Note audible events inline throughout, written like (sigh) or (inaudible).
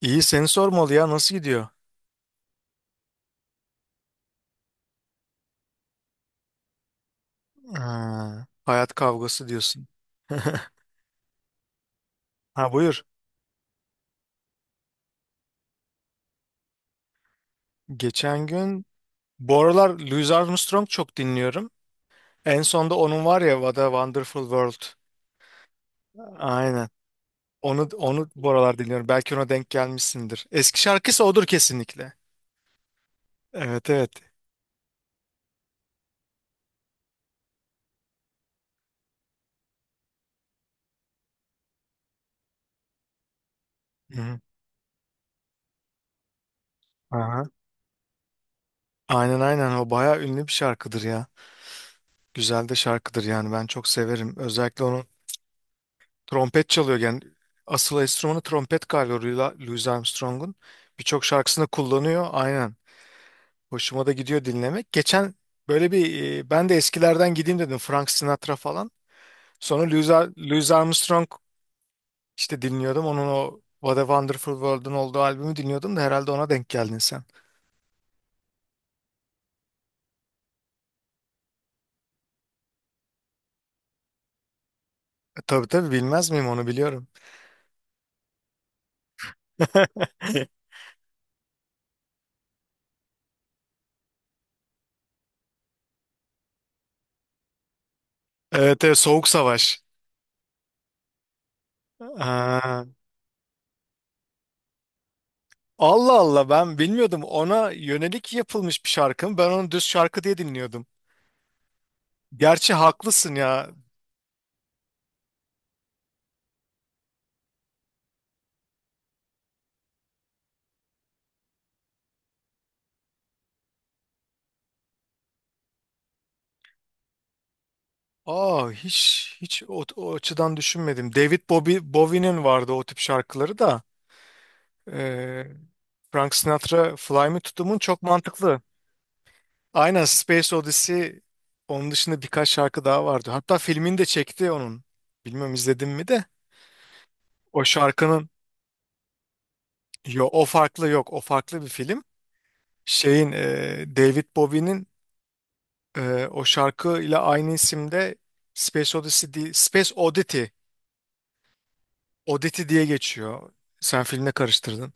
İyi seni sormalı ya, nasıl gidiyor? Ha, hayat kavgası diyorsun. (laughs) Ha, buyur. Geçen gün Bu aralar Louis Armstrong çok dinliyorum. En sonda onun var ya, What a Wonderful World. Aynen. Onu bu aralar dinliyorum. Belki ona denk gelmişsindir. Eski şarkısı odur kesinlikle. Evet, evet. Hı-hı. Aha. Aynen, aynen, o bayağı ünlü bir şarkıdır ya. Güzel de şarkıdır yani, ben çok severim. Özellikle onun trompet çalıyor yani, asıl enstrümanı trompet galiba Louis Armstrong'un. Birçok şarkısında kullanıyor aynen. Hoşuma da gidiyor dinlemek. Geçen böyle bir, ben de eskilerden gideyim dedim, Frank Sinatra falan. Sonra Louis Armstrong işte dinliyordum. Onun o What a Wonderful World'un olduğu albümü dinliyordum da herhalde ona denk geldin sen. Tabii, tabii, bilmez miyim, onu biliyorum. (laughs) Evet, evet, Soğuk Savaş. Aa, Allah Allah, ben bilmiyordum, ona yönelik yapılmış bir şarkı mı? Ben onu düz şarkı diye dinliyordum. Gerçi haklısın ya. Aa, hiç hiç o açıdan düşünmedim. David Bowie, Bowie'nin vardı o tip şarkıları da. Ee, Frank Sinatra Fly Me to the Moon çok mantıklı. Aynen, Space Odyssey, onun dışında birkaç şarkı daha vardı. Hatta filmini de çekti onun. Bilmiyorum izledim mi de. O şarkının, yo, o farklı, yok o farklı bir film. Şeyin, David Bowie'nin, o şarkı ile aynı isimde. Space Odyssey değil, Space Oddity, Oddity diye geçiyor. Sen filmle karıştırdın.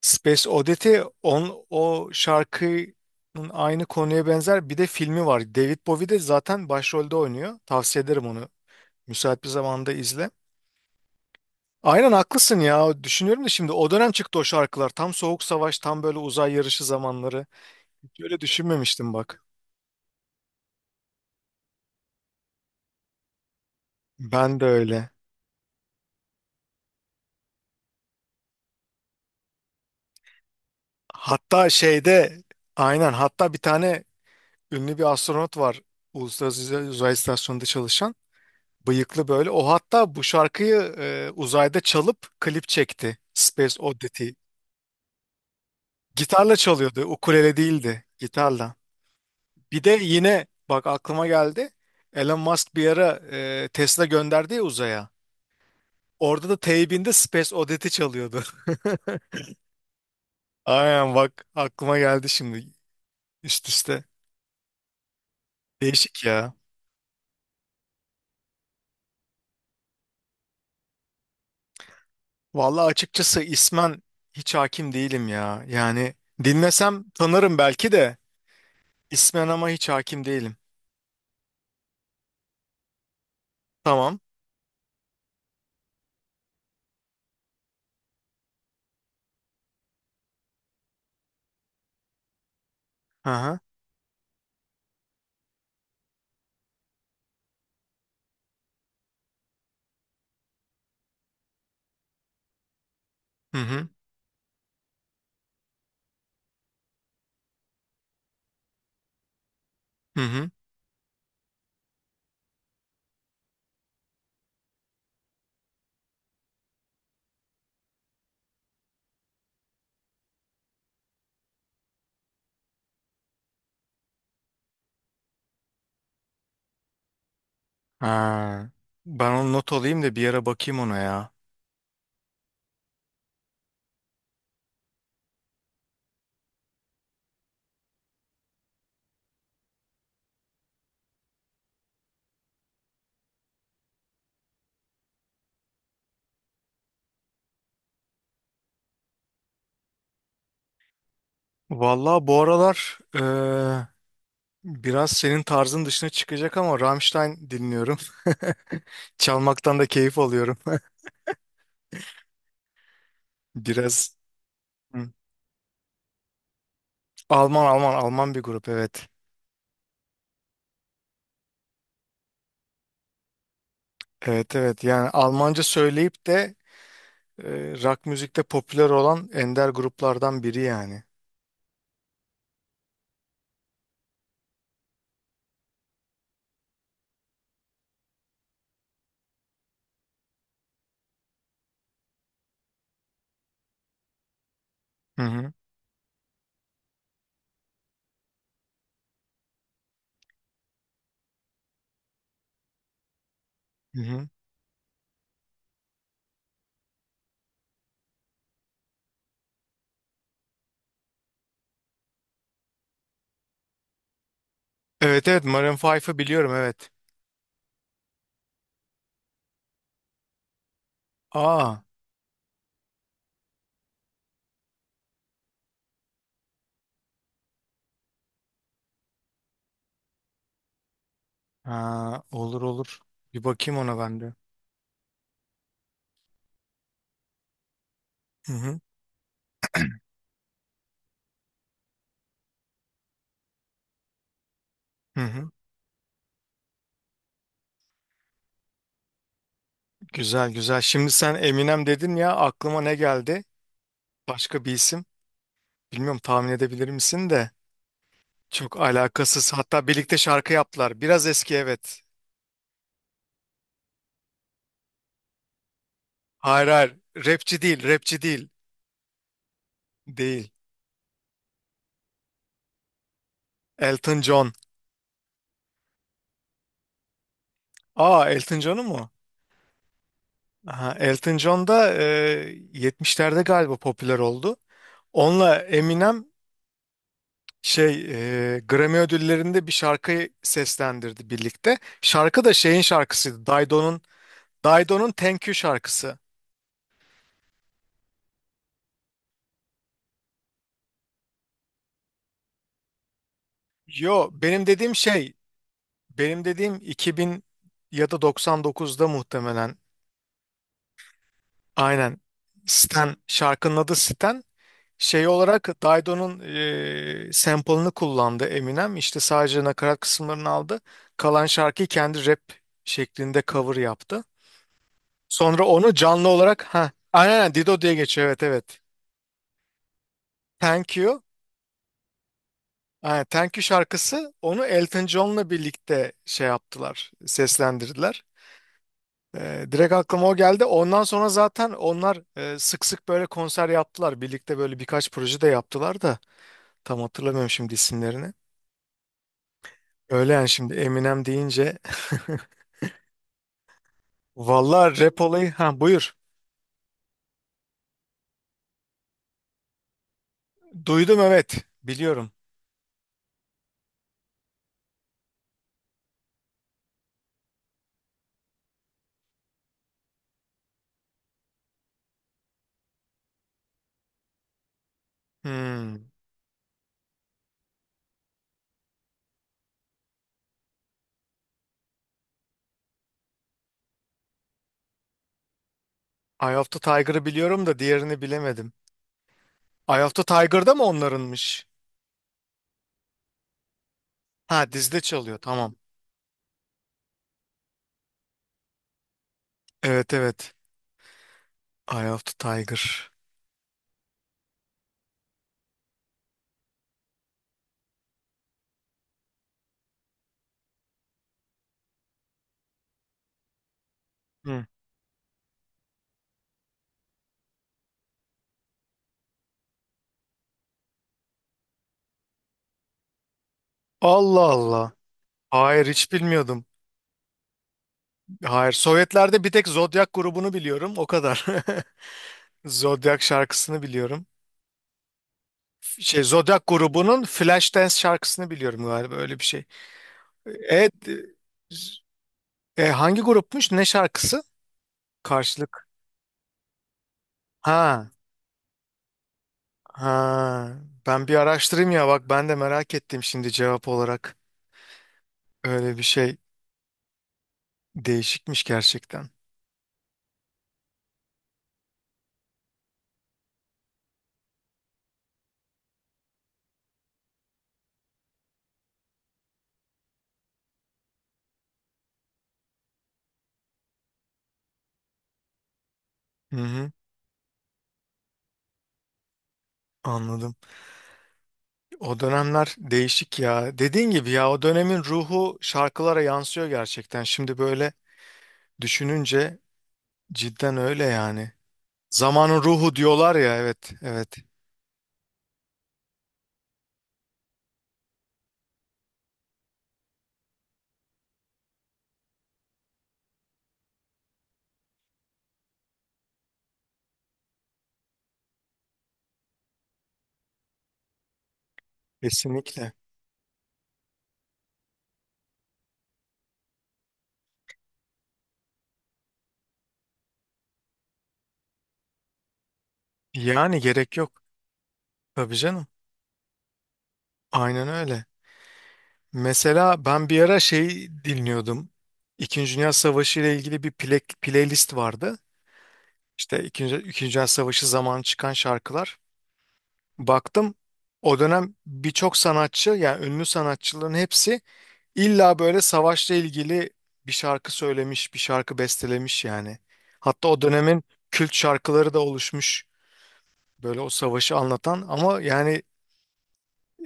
Space Oddity, o şarkının aynı konuya benzer bir de filmi var. David Bowie de zaten başrolde oynuyor. Tavsiye ederim onu. Müsait bir zamanda izle. Aynen, haklısın ya. Düşünüyorum da şimdi o dönem çıktı o şarkılar. Tam Soğuk Savaş, tam böyle uzay yarışı zamanları. Hiç öyle düşünmemiştim bak. Ben de öyle. Hatta şeyde aynen, hatta bir tane ünlü bir astronot var. Uluslararası Uzay İstasyonu'nda çalışan. Bıyıklı böyle. O hatta bu şarkıyı uzayda çalıp klip çekti. Space Oddity. Gitarla çalıyordu. Ukulele değildi. Gitarla. Bir de yine bak, aklıma geldi. Elon Musk bir ara Tesla gönderdi ya uzaya. Orada da teybinde Space Oddity çalıyordu. (laughs) Aynen, bak aklıma geldi şimdi. Üst üste. Değişik ya. Vallahi açıkçası ismen hiç hakim değilim ya. Yani dinlesem tanırım belki de ismen, ama hiç hakim değilim. Tamam. Aha. Hı. Hı hı. Hı hı. Ha. Ben onu not alayım da bir yere bakayım ona ya. Vallahi bu aralar biraz senin tarzın dışına çıkacak ama Rammstein dinliyorum. (laughs) Çalmaktan da keyif alıyorum. (laughs) Biraz. Hı. Alman, Alman, Alman bir grup, evet. Evet, evet, yani Almanca söyleyip de rock müzikte popüler olan ender gruplardan biri yani. Hı hı. Hı hı. Evet, evet, Maroon 5'ı biliyorum, evet. Aa, ha, olur olur. Bir bakayım ona ben de. Hı hı. Hı hı. Güzel, güzel. Şimdi sen Eminem dedin ya, aklıma ne geldi? Başka bir isim. Bilmiyorum, tahmin edebilir misin de. Çok alakasız. Hatta birlikte şarkı yaptılar. Biraz eski, evet. Hayır, hayır. Rapçi değil, rapçi değil. Değil. Elton John. Aa, Elton John'u mu? Aha, Elton John da 70'lerde galiba popüler oldu. Onunla Eminem, şey Grammy ödüllerinde bir şarkıyı seslendirdi birlikte. Şarkı da şeyin şarkısıydı. Dido'nun Thank You şarkısı. Yo, benim dediğim 2000 ya da 99'da muhtemelen. Aynen, Stan, şarkının adı Stan. Şey olarak Dido'nun sample'ını kullandı Eminem. İşte sadece nakarat kısımlarını aldı. Kalan şarkıyı kendi rap şeklinde cover yaptı. Sonra onu canlı olarak, ha, aynen, aynen, Dido diye geçiyor, evet, evet. Thank You. Aynen, Thank You şarkısı, onu Elton John'la birlikte şey yaptılar, seslendirdiler. Direkt aklıma o geldi. Ondan sonra zaten onlar, sık sık böyle konser yaptılar. Birlikte böyle birkaç proje de yaptılar da tam hatırlamıyorum şimdi isimlerini. Öyle yani, şimdi Eminem deyince. (laughs) Vallahi rap olayı. Ha, buyur. Duydum, evet. Biliyorum. Hmm. Eye of the Tiger'ı biliyorum da diğerini bilemedim. Eye of the Tiger'da mı onlarınmış? Ha, dizde çalıyor, tamam. Evet, evet. Eye of the Tiger. Hı. Allah Allah. Hayır, hiç bilmiyordum. Hayır, Sovyetlerde bir tek Zodiac grubunu biliyorum, o kadar. (laughs) Zodiac şarkısını biliyorum. Şey, Zodiac grubunun Flashdance şarkısını biliyorum galiba, öyle bir şey. Evet. Hangi grupmuş? Ne şarkısı? Karşılık. Ha. Ha. Ben bir araştırayım ya, bak ben de merak ettim şimdi cevap olarak. Öyle bir şey, değişikmiş gerçekten. Hı hı. Anladım. O dönemler değişik ya. Dediğin gibi ya, o dönemin ruhu şarkılara yansıyor gerçekten. Şimdi böyle düşününce cidden öyle yani. Zamanın ruhu diyorlar ya, evet, evet, kesinlikle. Yani gerek yok. Tabii canım. Aynen öyle. Mesela ben bir ara şey dinliyordum. İkinci Dünya Savaşı ile ilgili bir playlist vardı. İşte İkinci Dünya Savaşı zamanı çıkan şarkılar. Baktım, o dönem birçok sanatçı, yani ünlü sanatçıların hepsi illa böyle savaşla ilgili bir şarkı söylemiş, bir şarkı bestelemiş yani. Hatta o dönemin kült şarkıları da oluşmuş böyle, o savaşı anlatan, ama yani,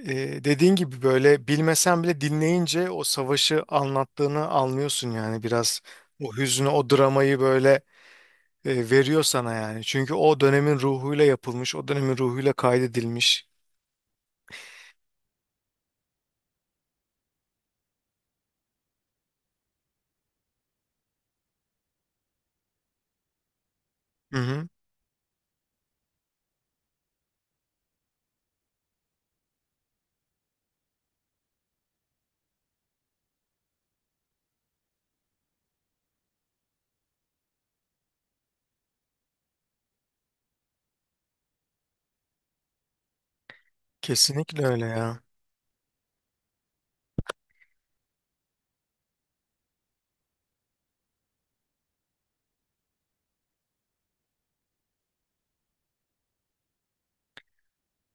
dediğin gibi böyle bilmesen bile dinleyince o savaşı anlattığını anlıyorsun yani, biraz o hüznü, o dramayı böyle veriyor sana yani. Çünkü o dönemin ruhuyla yapılmış, o dönemin ruhuyla kaydedilmiş. Hı hı, kesinlikle öyle ya.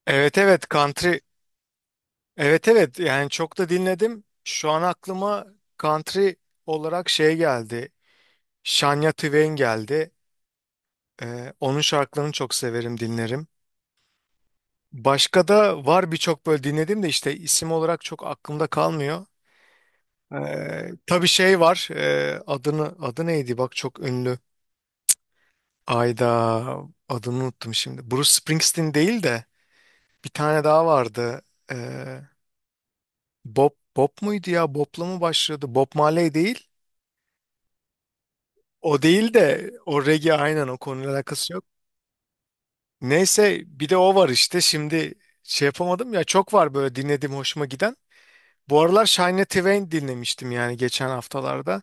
Evet, evet, country. Evet, evet, yani çok da dinledim. Şu an aklıma country olarak şey geldi, Shania Twain geldi. Onun şarkılarını çok severim, dinlerim. Başka da var, birçok böyle dinledim de işte isim olarak çok aklımda kalmıyor. Tabii şey var. Adı neydi? Bak çok ünlü. Ayda, adını unuttum şimdi. Bruce Springsteen değil de bir tane daha vardı. Ee, Bob muydu ya? Bob'la mı başladı? Bob Marley değil. O değil de o regi, aynen, o konuyla alakası yok. Neyse bir de o var işte, şimdi şey yapamadım ya, çok var böyle dinlediğim hoşuma giden. Bu aralar Shania Twain dinlemiştim yani, geçen haftalarda.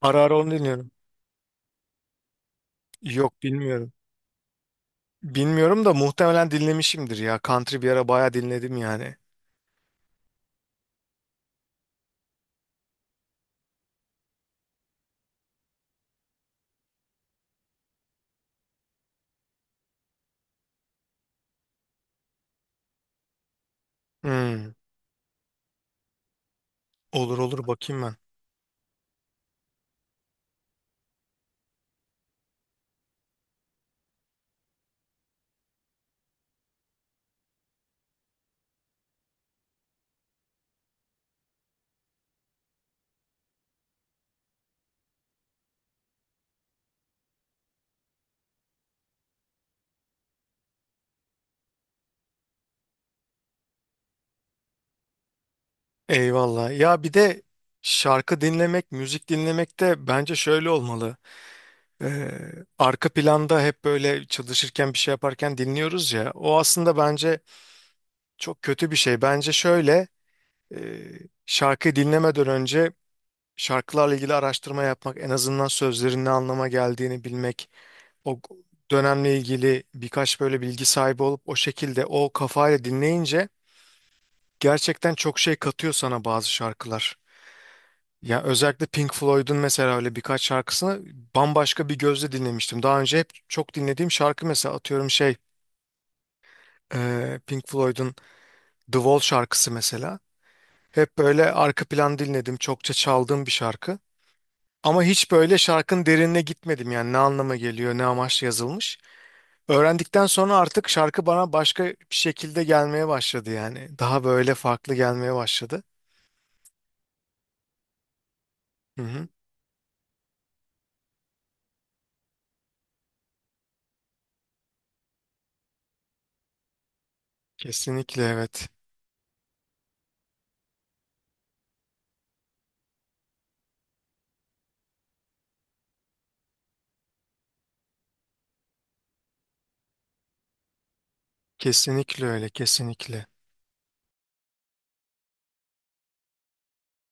Ara ara onu dinliyorum. Yok, bilmiyorum. Bilmiyorum da muhtemelen dinlemişimdir ya. Country bir ara bayağı dinledim yani. Hmm, olur olur, bakayım ben. Eyvallah. Ya bir de şarkı dinlemek, müzik dinlemek de bence şöyle olmalı. Ee, Arka planda hep böyle çalışırken bir şey yaparken dinliyoruz ya. O aslında bence çok kötü bir şey. Bence şöyle, e, şarkıyı dinlemeden önce şarkılarla ilgili araştırma yapmak, en azından sözlerin ne anlama geldiğini bilmek, o dönemle ilgili birkaç böyle bilgi sahibi olup o şekilde o kafayla dinleyince gerçekten çok şey katıyor sana bazı şarkılar. Ya özellikle Pink Floyd'un mesela öyle birkaç şarkısını bambaşka bir gözle dinlemiştim. Daha önce hep çok dinlediğim şarkı, mesela atıyorum şey, Pink Floyd'un The Wall şarkısı mesela. Hep böyle arka plan dinledim. Çokça çaldığım bir şarkı. Ama hiç böyle şarkının derinine gitmedim yani, ne anlama geliyor, ne amaçla yazılmış. Öğrendikten sonra artık şarkı bana başka bir şekilde gelmeye başladı yani. Daha böyle farklı gelmeye başladı. Hı hı. Kesinlikle, evet. Kesinlikle öyle, kesinlikle.